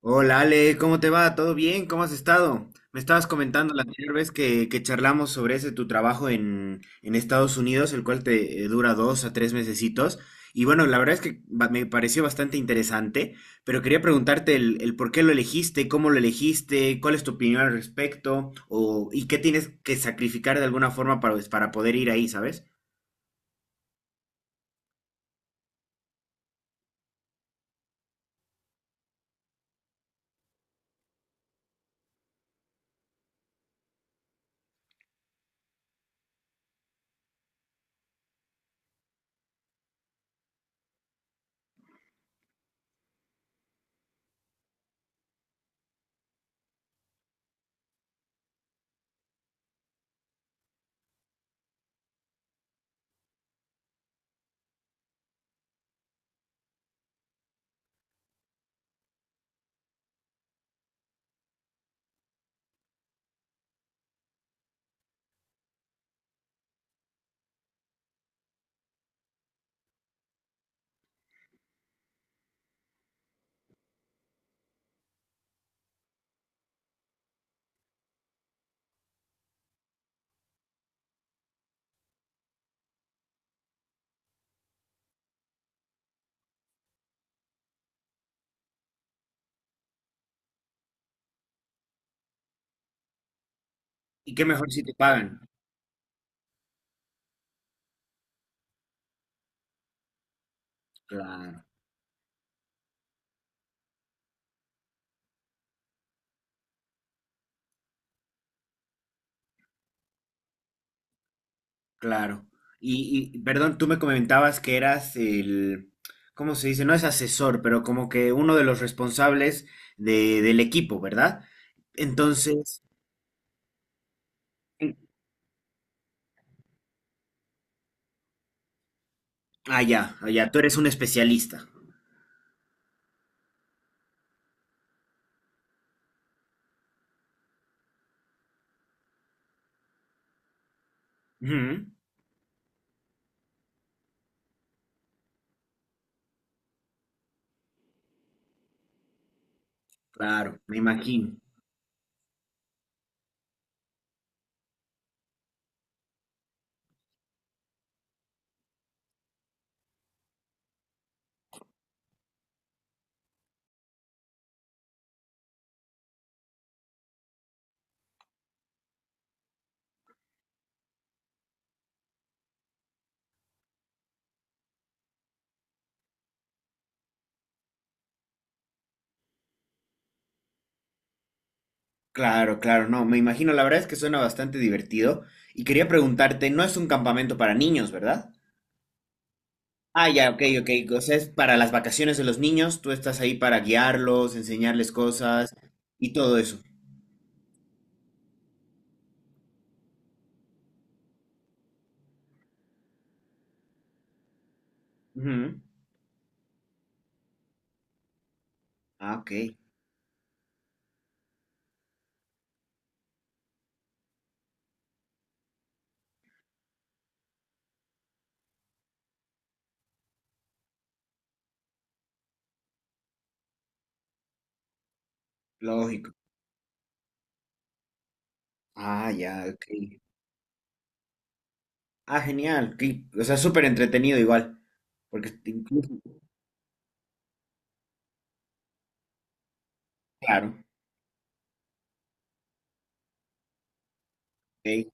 Hola Ale, ¿cómo te va? ¿Todo bien? ¿Cómo has estado? Me estabas comentando la anterior vez que charlamos sobre ese tu trabajo en Estados Unidos, el cual te dura dos a tres mesecitos. Y bueno, la verdad es que me pareció bastante interesante, pero quería preguntarte el por qué lo elegiste, cómo lo elegiste, cuál es tu opinión al respecto, o, y qué tienes que sacrificar de alguna forma para, pues, para poder ir ahí, ¿sabes? Y qué mejor si te pagan. Claro. Claro. Y, perdón, tú me comentabas que eras el, ¿cómo se dice? No es asesor, pero como que uno de los responsables del equipo, ¿verdad? Entonces, allá, tú eres un especialista. Ujú. Claro, me imagino. Claro, claro, no, me imagino. La verdad es que suena bastante divertido. Y quería preguntarte, no es un campamento para niños, ¿verdad? Ah, ya, ok, ok. O sea, es para las vacaciones de los niños, tú estás ahí para guiarlos, enseñarles cosas y todo eso. Ujú. Ah, ok. Lógico. Ah, ya, ok. Ah, genial. Ok. O sea, súper entretenido igual. Porque incluso, claro. Ok.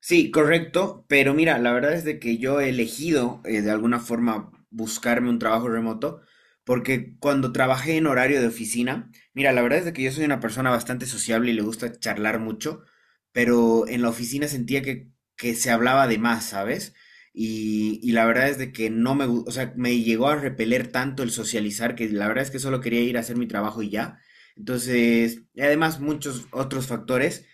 Sí, correcto, pero mira, la verdad es de que yo he elegido de alguna forma buscarme un trabajo remoto, porque cuando trabajé en horario de oficina, mira, la verdad es de que yo soy una persona bastante sociable y le gusta charlar mucho, pero en la oficina sentía que se hablaba de más, ¿sabes? Y la verdad es de que no o sea, me llegó a repeler tanto el socializar que la verdad es que solo quería ir a hacer mi trabajo y ya. Entonces, y además muchos otros factores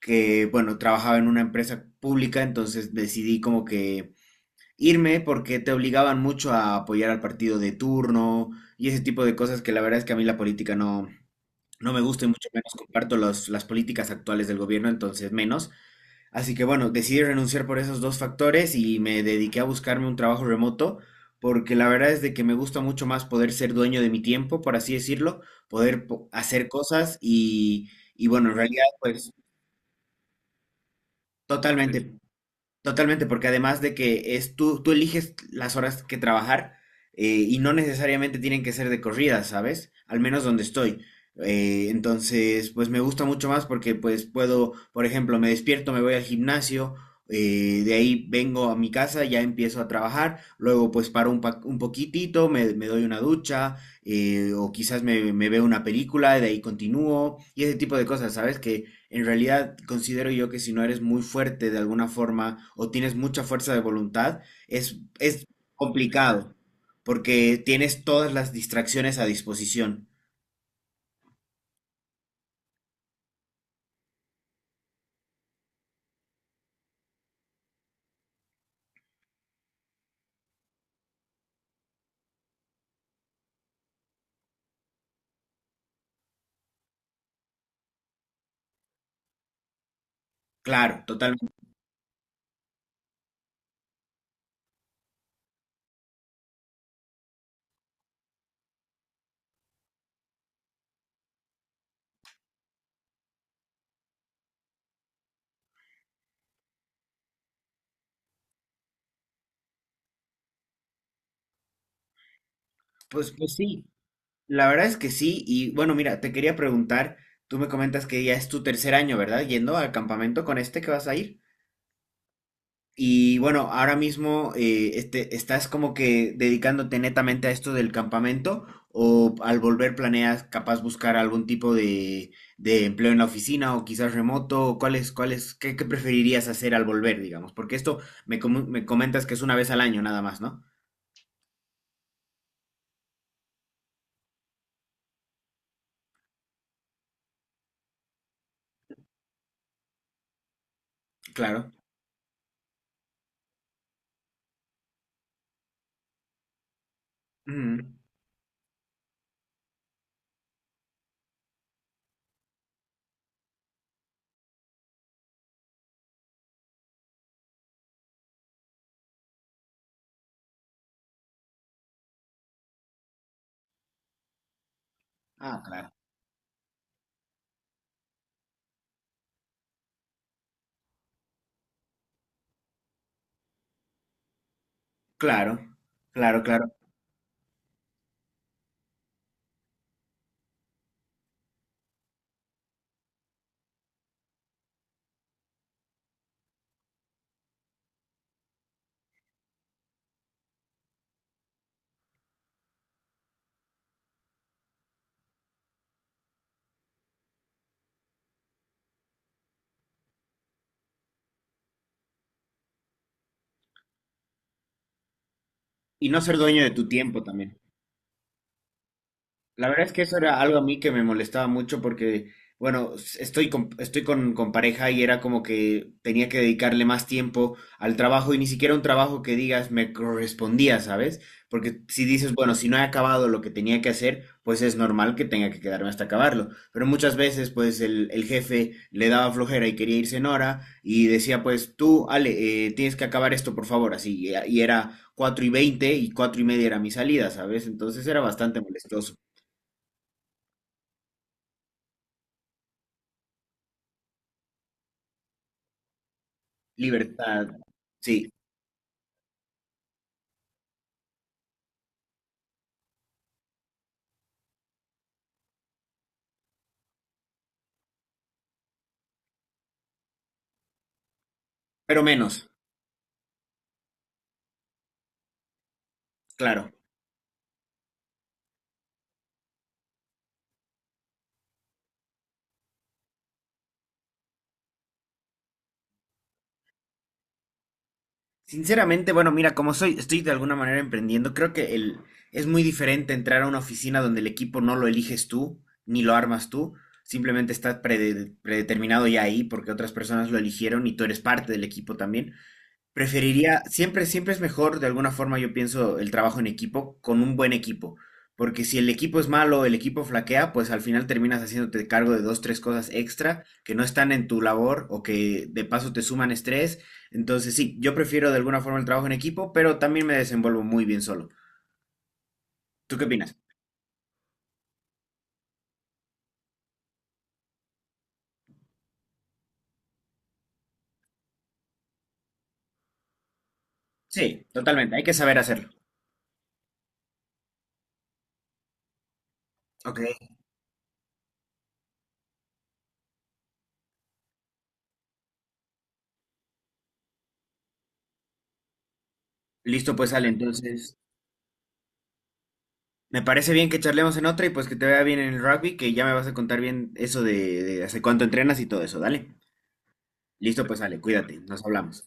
que, bueno, trabajaba en una empresa pública, entonces decidí como que irme porque te obligaban mucho a apoyar al partido de turno y ese tipo de cosas que la verdad es que a mí la política no me gusta y mucho menos comparto las políticas actuales del gobierno, entonces menos. Así que bueno, decidí renunciar por esos dos factores y me dediqué a buscarme un trabajo remoto porque la verdad es de que me gusta mucho más poder ser dueño de mi tiempo, por así decirlo, poder hacer cosas y bueno, en realidad pues totalmente. Totalmente, porque además de que es tú eliges las horas que trabajar y no necesariamente tienen que ser de corrida, ¿sabes? Al menos donde estoy. Entonces, pues me gusta mucho más porque pues puedo, por ejemplo, me despierto, me voy al gimnasio, de ahí vengo a mi casa, ya empiezo a trabajar, luego pues paro un poquitito, me doy una ducha o quizás me veo una película, de ahí continúo y ese tipo de cosas, ¿sabes? Que en realidad, considero yo que si no eres muy fuerte de alguna forma o tienes mucha fuerza de voluntad, es complicado porque tienes todas las distracciones a disposición. Claro, totalmente. Pues sí, la verdad es que sí. Y bueno, mira, te quería preguntar, tú me comentas que ya es tu tercer año, ¿verdad? Yendo al campamento con este que vas a ir. Y bueno, ahora mismo ¿estás como que dedicándote netamente a esto del campamento o al volver planeas capaz buscar algún tipo de empleo en la oficina o quizás remoto? O ¿cuál es, qué, qué preferirías hacer al volver, digamos? Porque esto me comentas que es una vez al año nada más, ¿no? Claro. Mm. Ah, claro. Claro, claro, claro. Y no ser dueño de tu tiempo también. La verdad es que eso era algo a mí que me molestaba mucho porque, bueno, estoy con pareja y era como que tenía que dedicarle más tiempo al trabajo y ni siquiera un trabajo que digas me correspondía, ¿sabes? Porque si dices, bueno, si no he acabado lo que tenía que hacer, pues es normal que tenga que quedarme hasta acabarlo. Pero muchas veces, pues el jefe le daba flojera y quería irse en hora y decía, pues tú, Ale, tienes que acabar esto, por favor, así. Y era 4 y 20 y 4 y media era mi salida, ¿sabes? Entonces era bastante molestoso. Libertad, sí, pero menos, claro. Sinceramente, bueno, mira, como soy, estoy de alguna manera emprendiendo, creo que el, es muy diferente entrar a una oficina donde el equipo no lo eliges tú, ni lo armas tú, simplemente está predeterminado ya ahí porque otras personas lo eligieron y tú eres parte del equipo también. Preferiría, siempre es mejor, de alguna forma yo pienso, el trabajo en equipo con un buen equipo, porque si el equipo es malo, el equipo flaquea, pues al final terminas haciéndote cargo de dos, tres cosas extra que no están en tu labor o que de paso te suman estrés. Entonces sí, yo prefiero de alguna forma el trabajo en equipo, pero también me desenvuelvo muy bien solo. ¿Tú qué opinas? Sí, totalmente, hay que saber hacerlo. Ok, listo, pues Ale, entonces me parece bien que charlemos en otra y pues que te vea bien en el rugby, que ya me vas a contar bien eso de hace cuánto entrenas y todo eso, dale. Listo, pues Ale, cuídate, nos hablamos.